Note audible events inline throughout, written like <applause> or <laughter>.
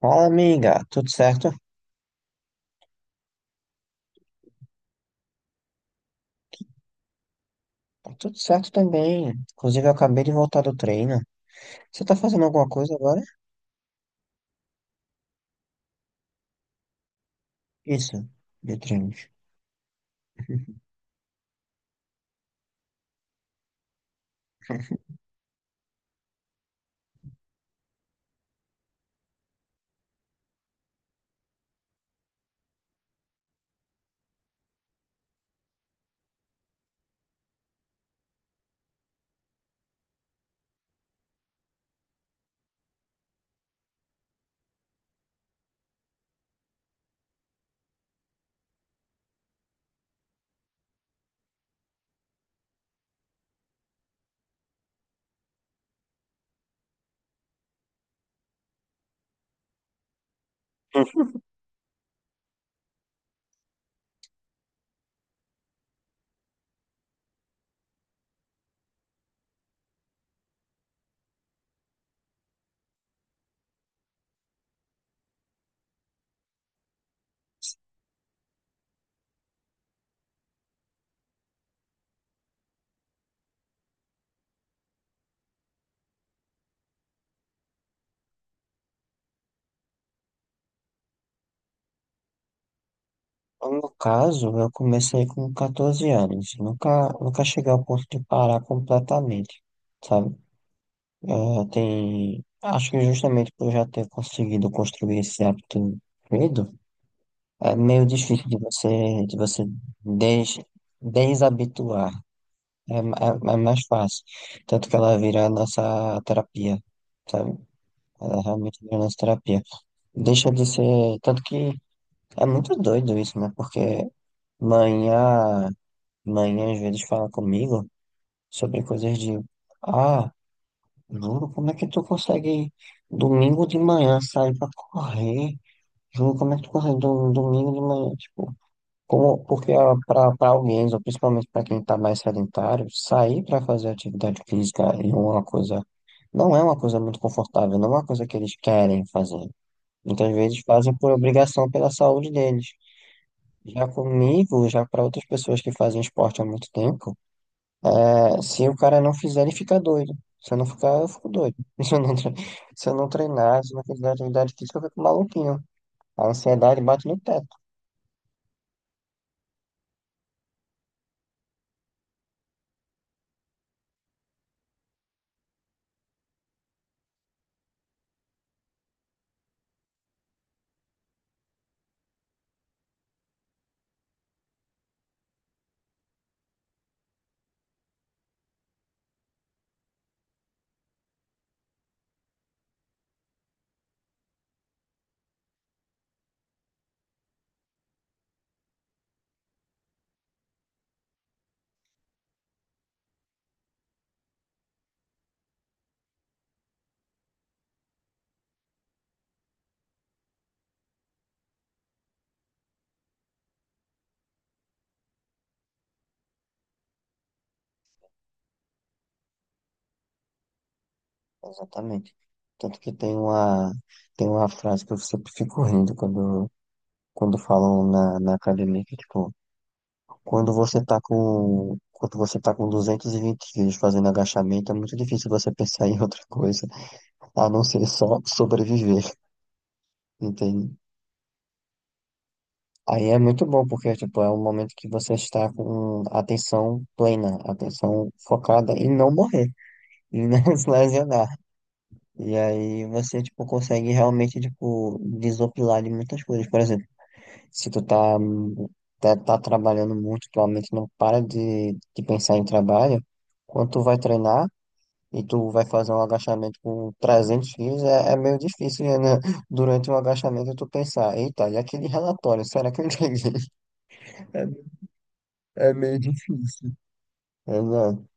Fala, amiga. Tudo certo? Tá, tudo certo também. Inclusive, eu acabei de voltar do treino. Você tá fazendo alguma coisa agora? Isso, de treinos. <laughs> No caso, eu comecei com 14 anos. Nunca cheguei ao ponto de parar completamente, sabe? Tem, acho que justamente por já ter conseguido construir esse hábito cedo, é meio difícil de você des, desabituar. É, é mais fácil. Tanto que ela vira a nossa terapia, sabe? Ela realmente vira a nossa terapia. Deixa de ser. Tanto que é muito doido isso, né? Porque manhã, manhã às vezes fala comigo sobre coisas de. Ah, Júlio, como é que tu consegue domingo de manhã sair pra correr? Júlio, como é que tu consegue domingo de manhã? Tipo. Como, porque para alguém, ou principalmente para quem está mais sedentário, sair para fazer atividade física é uma coisa, não é uma coisa muito confortável, não é uma coisa que eles querem fazer. Muitas vezes fazem por obrigação pela saúde deles. Já comigo, já para outras pessoas que fazem esporte há muito tempo, é, se o cara não fizer, ele fica doido. Se eu não ficar, eu fico doido. <laughs> Se eu não, tre- Se eu não treinar, se eu não fizer atividade física, eu fico maluquinho. A ansiedade bate no teto. Exatamente. Tanto que tem uma frase que eu sempre fico rindo quando falam na academia, que tipo, quando você tá com 220 quilos fazendo agachamento, é muito difícil você pensar <laughs> em outra coisa, a não ser só sobreviver, entende? Aí é muito bom, porque tipo, é um momento que você está com atenção plena, atenção focada em não morrer, em não <laughs> se lesionar. E aí você, tipo, consegue realmente, tipo, desopilar de muitas coisas. Por exemplo, se tá trabalhando muito, tua mente não para de pensar em trabalho, quando tu vai treinar e tu vai fazer um agachamento com 300 quilos, é meio difícil, né? <laughs> Durante o agachamento tu pensar, eita, e aquele relatório, será que eu entendi? <laughs> É, é meio difícil. É, não,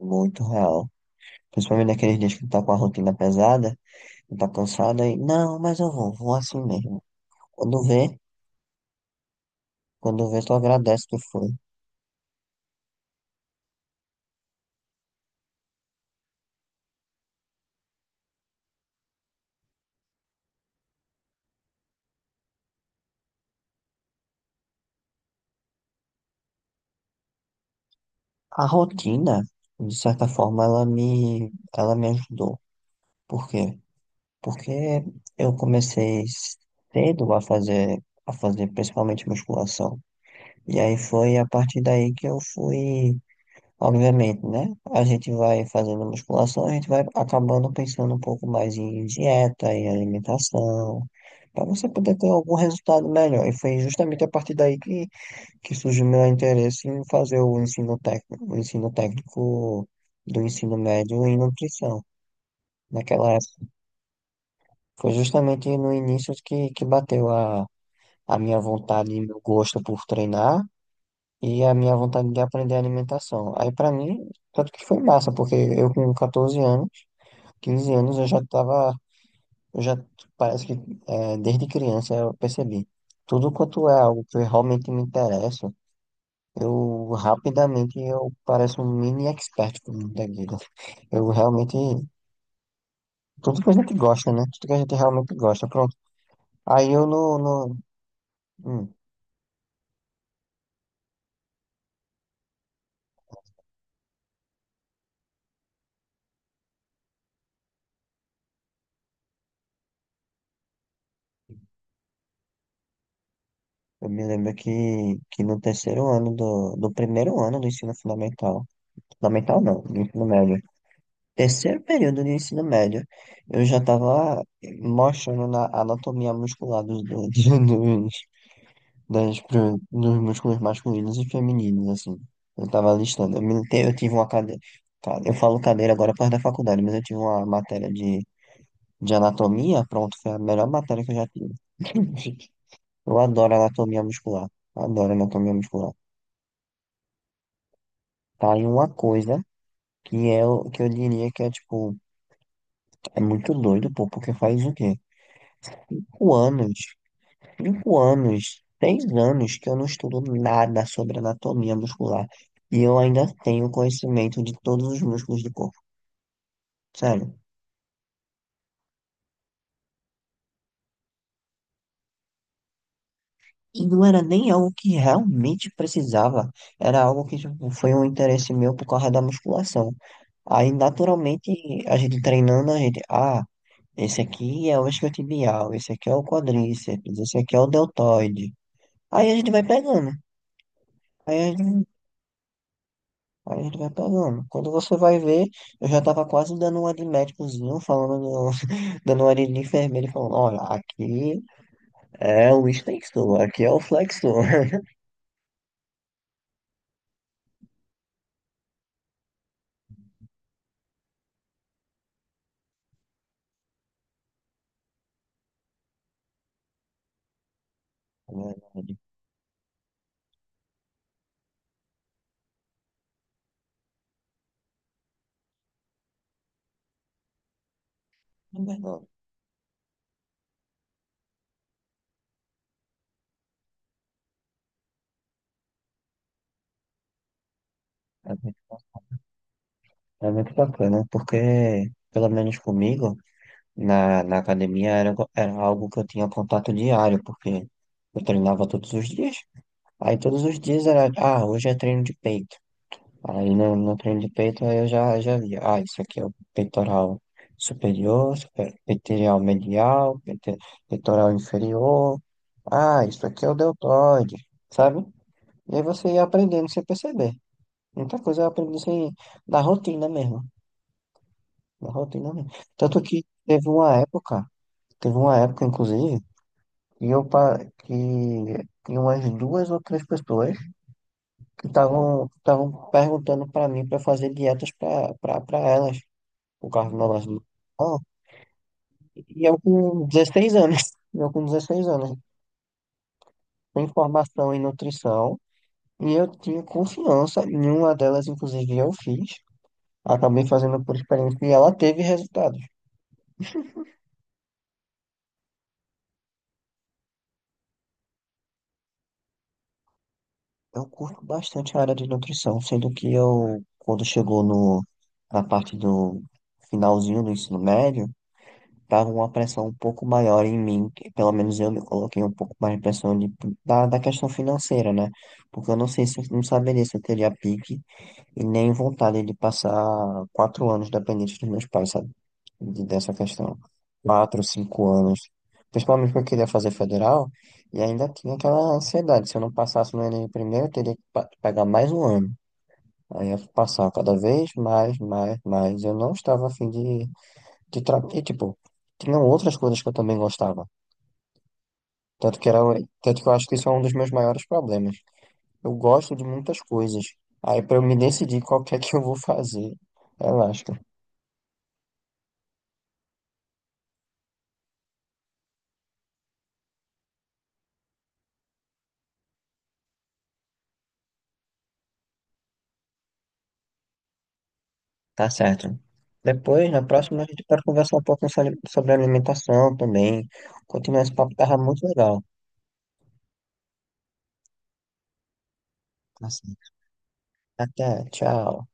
muito real. Principalmente naqueles dias que tu tá com a rotina pesada, tu tá cansado aí, não, mas eu vou, vou assim mesmo. Quando vê, Quando vê, tu agradece que foi. A rotina, de certa forma, ela me ajudou. Por quê? Porque eu comecei cedo a fazer principalmente musculação. E aí foi a partir daí que eu fui, obviamente, né? A gente vai fazendo musculação, a gente vai acabando pensando um pouco mais em dieta, em alimentação, para você poder ter algum resultado melhor. E foi justamente a partir daí que surgiu meu interesse em fazer o ensino técnico do ensino médio em nutrição. Naquela época, foi justamente no início que bateu a minha vontade e meu gosto por treinar e a minha vontade de aprender alimentação. Aí, para mim, tanto que foi massa, porque eu com 14 anos, 15 anos, eu já estava, eu já, parece que é, desde criança eu percebi. Tudo quanto é algo que realmente me interessa, Eu rapidamente eu pareço um mini expert com muita guida. Eu realmente. Tudo que a gente gosta, né? Tudo que a gente realmente gosta. Pronto. Aí eu no. no hum, eu me lembro que no terceiro ano do primeiro ano do ensino fundamental. Fundamental não, do ensino médio. Terceiro período do ensino médio, eu já estava mostrando na anatomia muscular <laughs> dos músculos masculinos e femininos, assim. Eu tava listando. Eu tive uma cadeira. Eu falo cadeira agora por causa da faculdade, mas eu tive uma matéria de anatomia. Pronto, foi a melhor matéria que eu já tive. <laughs> Eu adoro anatomia muscular. Adoro anatomia muscular. Tá aí uma coisa que é o que eu diria que é tipo, é muito doido, pô, porque faz o quê? 5 anos. 5 anos, 6 anos que eu não estudo nada sobre anatomia muscular. E eu ainda tenho conhecimento de todos os músculos do corpo. Sério. E não era nem algo que realmente precisava. Era algo que tipo, foi um interesse meu por causa da musculação. Aí, naturalmente, a gente treinando, a gente. Ah, esse aqui é o isquiotibial, esse aqui é o quadríceps, esse aqui é o deltoide. Aí a gente vai pegando. Aí a gente Aí a gente vai pegando. Quando você vai ver, eu já tava quase dando uma de médicozinho, falando, <laughs> dando uma de enfermeiro, e falando, olha, aqui é o extensor, aqui é o flexor. <laughs> É verdade. É verdade. É mu- é muito bacana, porque, pelo menos comigo, na academia era, era algo que eu tinha contato diário, porque eu treinava todos os dias. Aí todos os dias era, ah, hoje é treino de peito. Aí no treino de peito aí eu já via, ah, isso aqui é o peitoral superior, peitoral medial, peitoral inferior, ah, isso aqui é o deltoide, sabe? E aí você ia aprendendo sem perceber. Muita coisa eu aprendi sem, da rotina mesmo, da rotina mesmo. Tanto que teve uma época, inclusive, que eu, que tinha umas duas ou três pessoas que estavam perguntando para mim para fazer dietas para elas. O Carlos Brasileiro. Ah, e eu com 16 anos. <laughs> Eu com 16 anos. Tenho formação em nutrição. E eu tinha confiança. Nenhuma delas, inclusive, eu fiz. Acabei fazendo por experiência e ela teve resultados. Eu curto bastante a área de nutrição, sendo que eu, quando chegou no, na parte do finalzinho do ensino médio, tava uma pressão um pouco maior em mim, que pelo menos eu me coloquei um pouco mais de pressão da questão financeira, né? Porque eu não sei se eu não saberia se eu teria pique e nem vontade de passar 4 anos dependente dos meus pais, sabe? Dessa questão. 4, 5 anos. Principalmente porque eu queria fazer federal e ainda tinha aquela ansiedade. Se eu não passasse no Enem primeiro, eu teria que pegar mais um ano. Aí eu ia passar cada vez mais, mais, mais. Eu não estava afim de, e, tipo, tinham outras coisas que eu também gostava. Tanto que era, tanto que eu acho que isso é um dos meus maiores problemas. Eu gosto de muitas coisas. Aí, para eu me decidir qual que é que eu vou fazer, relaxa. Tá certo. Depois, na próxima, a gente pode conversar um pouco sobre alimentação também. Continuar esse papo, tava muito legal. Tá certo. Até, tchau.